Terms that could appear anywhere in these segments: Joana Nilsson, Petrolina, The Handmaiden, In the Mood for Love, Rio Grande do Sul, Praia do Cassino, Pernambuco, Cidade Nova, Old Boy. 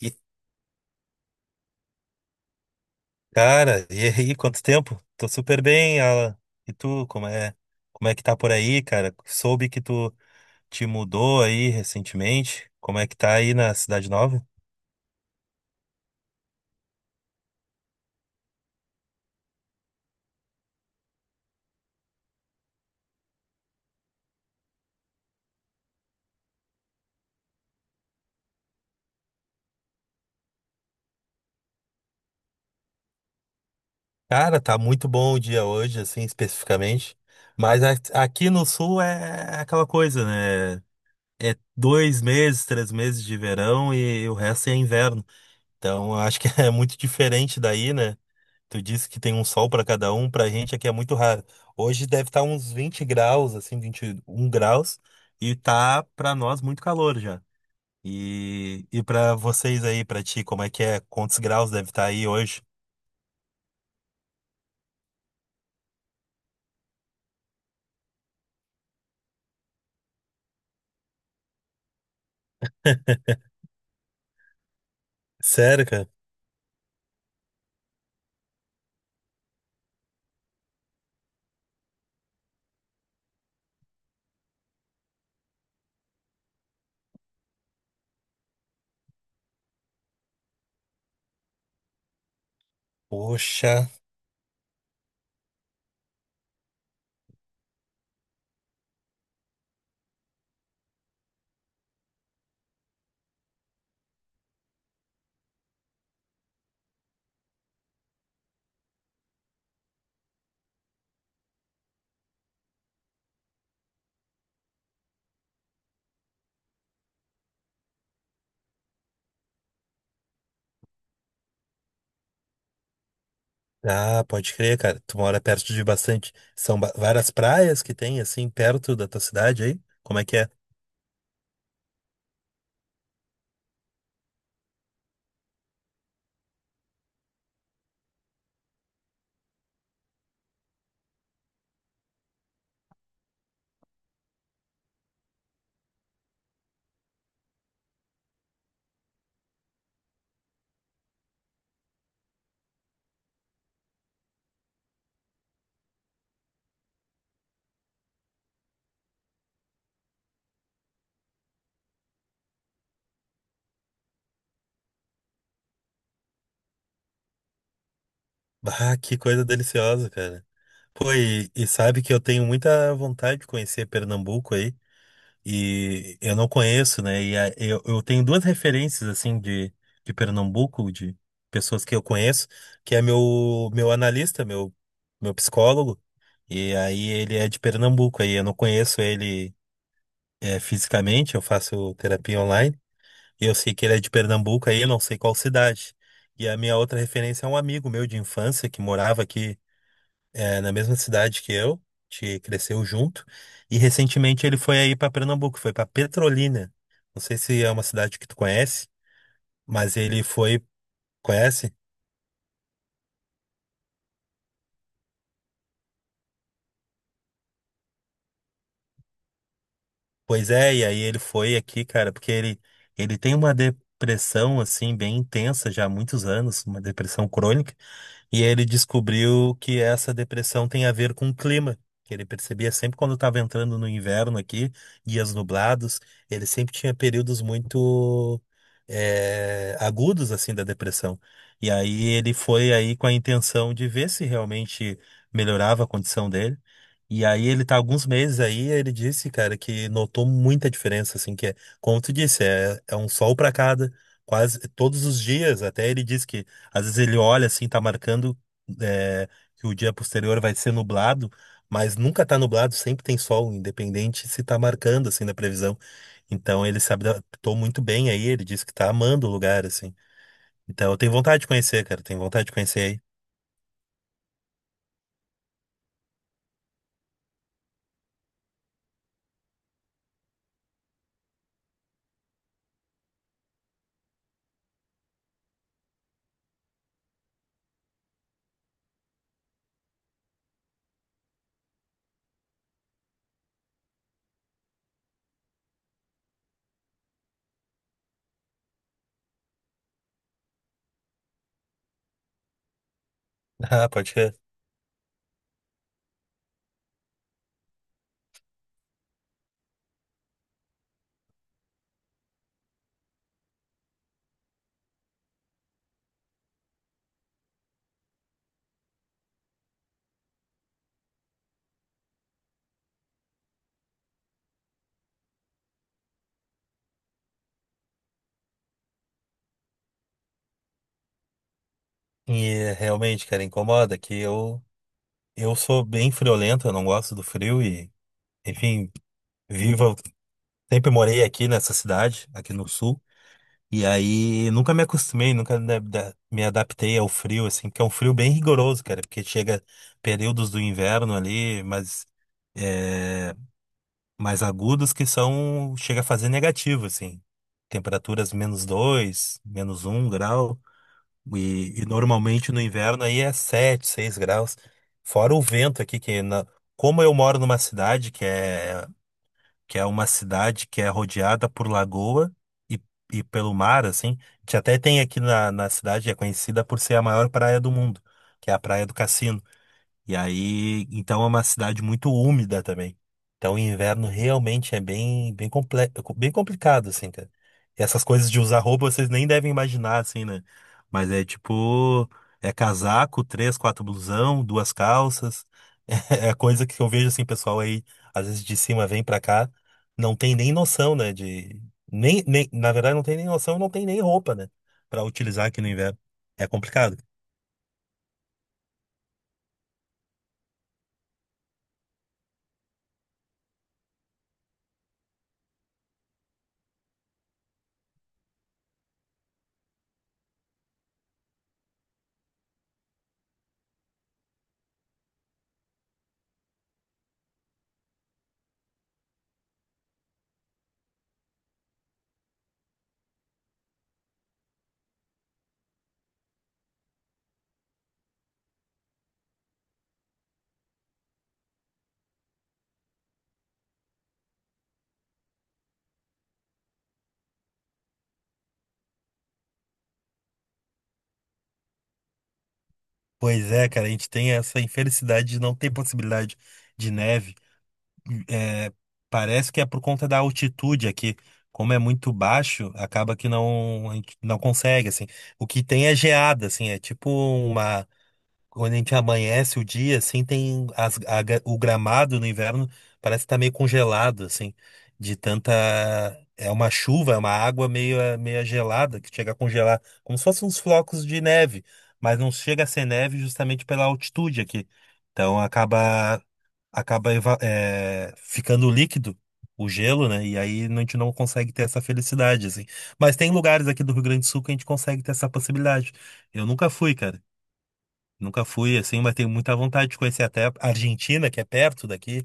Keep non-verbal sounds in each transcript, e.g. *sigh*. E, cara, e aí, quanto tempo? Tô super bem, Alan. E tu, como é que tá por aí, cara? Soube que tu te mudou aí recentemente. Como é que tá aí na Cidade Nova? Cara, tá muito bom o dia hoje, assim, especificamente. Mas aqui no Sul é aquela coisa, né? É 2 meses, 3 meses de verão e o resto é inverno. Então, eu acho que *laughs* é muito diferente daí, né? Tu disse que tem um sol para cada um, pra gente aqui é muito raro. Hoje deve estar uns 20 graus, assim, 21 graus, e tá pra nós muito calor já. E para vocês aí, pra ti, como é que é? Quantos graus deve estar aí hoje? Sério, cara? Poxa. Ah, pode crer, cara. Tu mora perto de bastante. São várias praias que tem, assim, perto da tua cidade aí? Como é que é? Ah, que coisa deliciosa, cara. Pô, e sabe que eu tenho muita vontade de conhecer Pernambuco aí. E eu não conheço, né? E eu tenho duas referências, assim, de Pernambuco, de pessoas que eu conheço, que é meu analista, meu psicólogo. E aí ele é de Pernambuco, aí eu não conheço ele fisicamente, eu faço terapia online. E eu sei que ele é de Pernambuco, aí eu não sei qual cidade. E a minha outra referência é um amigo meu de infância que morava aqui na mesma cidade que eu, a gente cresceu junto, e recentemente ele foi aí para Pernambuco, foi para Petrolina. Não sei se é uma cidade que tu conhece, mas ele foi, conhece? Pois é, e aí ele foi aqui, cara, porque ele tem uma depressão assim bem intensa já há muitos anos, uma depressão crônica. E ele descobriu que essa depressão tem a ver com o clima. Que ele percebia sempre quando estava entrando no inverno aqui, dias nublados, ele sempre tinha períodos muito agudos assim da depressão. E aí ele foi aí com a intenção de ver se realmente melhorava a condição dele. E aí ele tá alguns meses aí, ele disse, cara, que notou muita diferença, assim, que é, como tu disse, é um sol para cada, quase todos os dias. Até ele disse que às vezes ele olha assim, tá marcando é, que o dia posterior vai ser nublado, mas nunca tá nublado, sempre tem sol, independente se tá marcando assim na previsão. Então ele se adaptou muito bem aí, ele disse que tá amando o lugar assim. Então eu tenho vontade de conhecer, cara, tenho vontade de conhecer aí. *laughs* Ah, pode ser. E é, realmente, cara, incomoda que eu sou bem friolento, eu não gosto do frio e, enfim, vivo, sempre morei aqui nessa cidade, aqui no sul. E aí, nunca me acostumei, nunca me adaptei ao frio, assim, porque é um frio bem rigoroso, cara, porque chega períodos do inverno ali, mas é, mais agudos que são, chega a fazer negativo, assim, temperaturas -2, -1 grau, e normalmente no inverno aí é 7, 6 graus, fora o vento aqui, que como eu moro numa cidade que é uma cidade que é rodeada por lagoa e, e pelo mar, assim. A gente até tem aqui na cidade, é conhecida por ser a maior praia do mundo, que é a Praia do Cassino. E aí, então é uma cidade muito úmida também. Então o inverno realmente é bem, bem, comple bem complicado, assim, cara. E essas coisas de usar roupa vocês nem devem imaginar, assim, né? Mas é tipo, é casaco, três, quatro blusão, duas calças. *laughs* É a coisa que eu vejo, assim, pessoal aí, às vezes de cima vem pra cá, não tem nem noção, né? De, nem, nem, na verdade, não tem nem noção, não tem nem roupa, né? Pra utilizar aqui no inverno. É complicado. Pois é, cara, a gente tem essa infelicidade de não ter possibilidade de neve. É, parece que é por conta da altitude aqui. Como é muito baixo, acaba que não, a gente não consegue, assim. O que tem é geada, assim, é tipo uma. Quando a gente amanhece o dia, assim, tem o gramado no inverno parece que tá meio congelado, assim, de tanta. É uma chuva, é uma água meio gelada que chega a congelar, como se fossem uns flocos de neve, mas não chega a ser neve justamente pela altitude aqui. Então acaba, ficando líquido o gelo, né? E aí a gente não consegue ter essa felicidade, assim. Mas tem lugares aqui do Rio Grande do Sul que a gente consegue ter essa possibilidade. Eu nunca fui, cara. Nunca fui assim, mas tenho muita vontade de conhecer até a Argentina, que é perto daqui,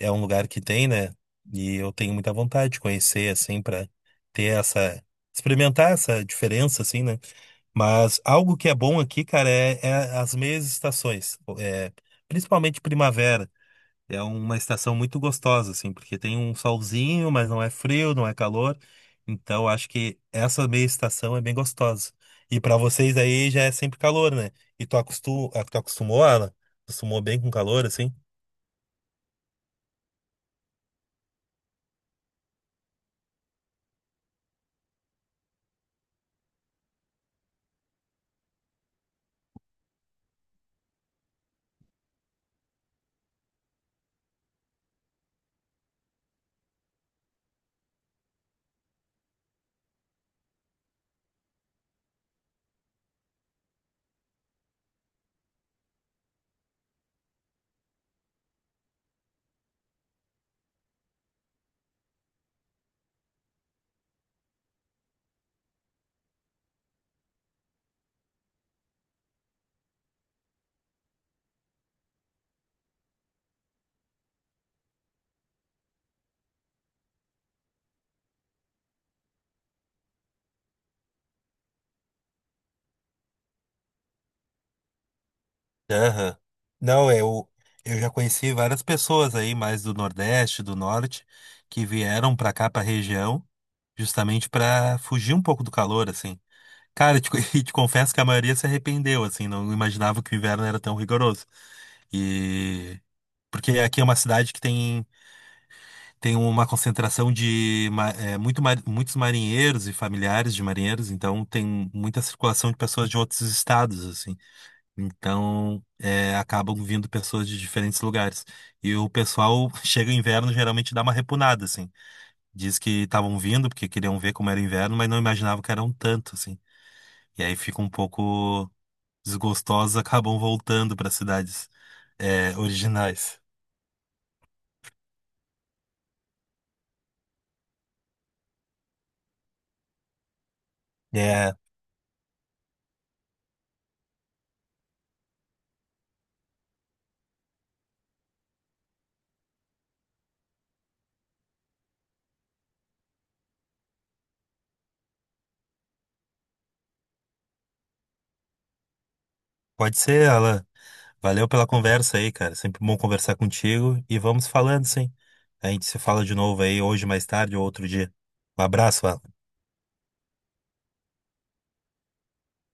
é um lugar que tem, né? E eu tenho muita vontade de conhecer assim para ter essa experimentar essa diferença assim, né? Mas algo que é bom aqui, cara, é as meias estações, principalmente primavera. É uma estação muito gostosa, assim, porque tem um solzinho, mas não é frio, não é calor. Então, acho que essa meia estação é bem gostosa. E para vocês aí já é sempre calor, né? E tu, tu acostumou, Alan? Acostumou bem com calor, assim? Aham. Não, eu já conheci várias pessoas aí, mais do Nordeste, do Norte, que vieram para cá, para região, justamente para fugir um pouco do calor, assim. Cara, *laughs* e te confesso que a maioria se arrependeu, assim, não imaginava que o inverno era tão rigoroso. E porque aqui é uma cidade que tem, tem uma concentração de muitos marinheiros e familiares de marinheiros, então tem muita circulação de pessoas de outros estados, assim. Então acabam vindo pessoas de diferentes lugares. E o pessoal *laughs* chega o inverno geralmente dá uma repunada, assim. Diz que estavam vindo porque queriam ver como era o inverno, mas não imaginavam que era um tanto, assim. E aí fica um pouco desgostosos acabam voltando para cidades originais. É, pode ser, Alan. Valeu pela conversa aí, cara. Sempre bom conversar contigo e vamos falando, sim. A gente se fala de novo aí hoje, mais tarde ou outro dia. Um abraço, Alan.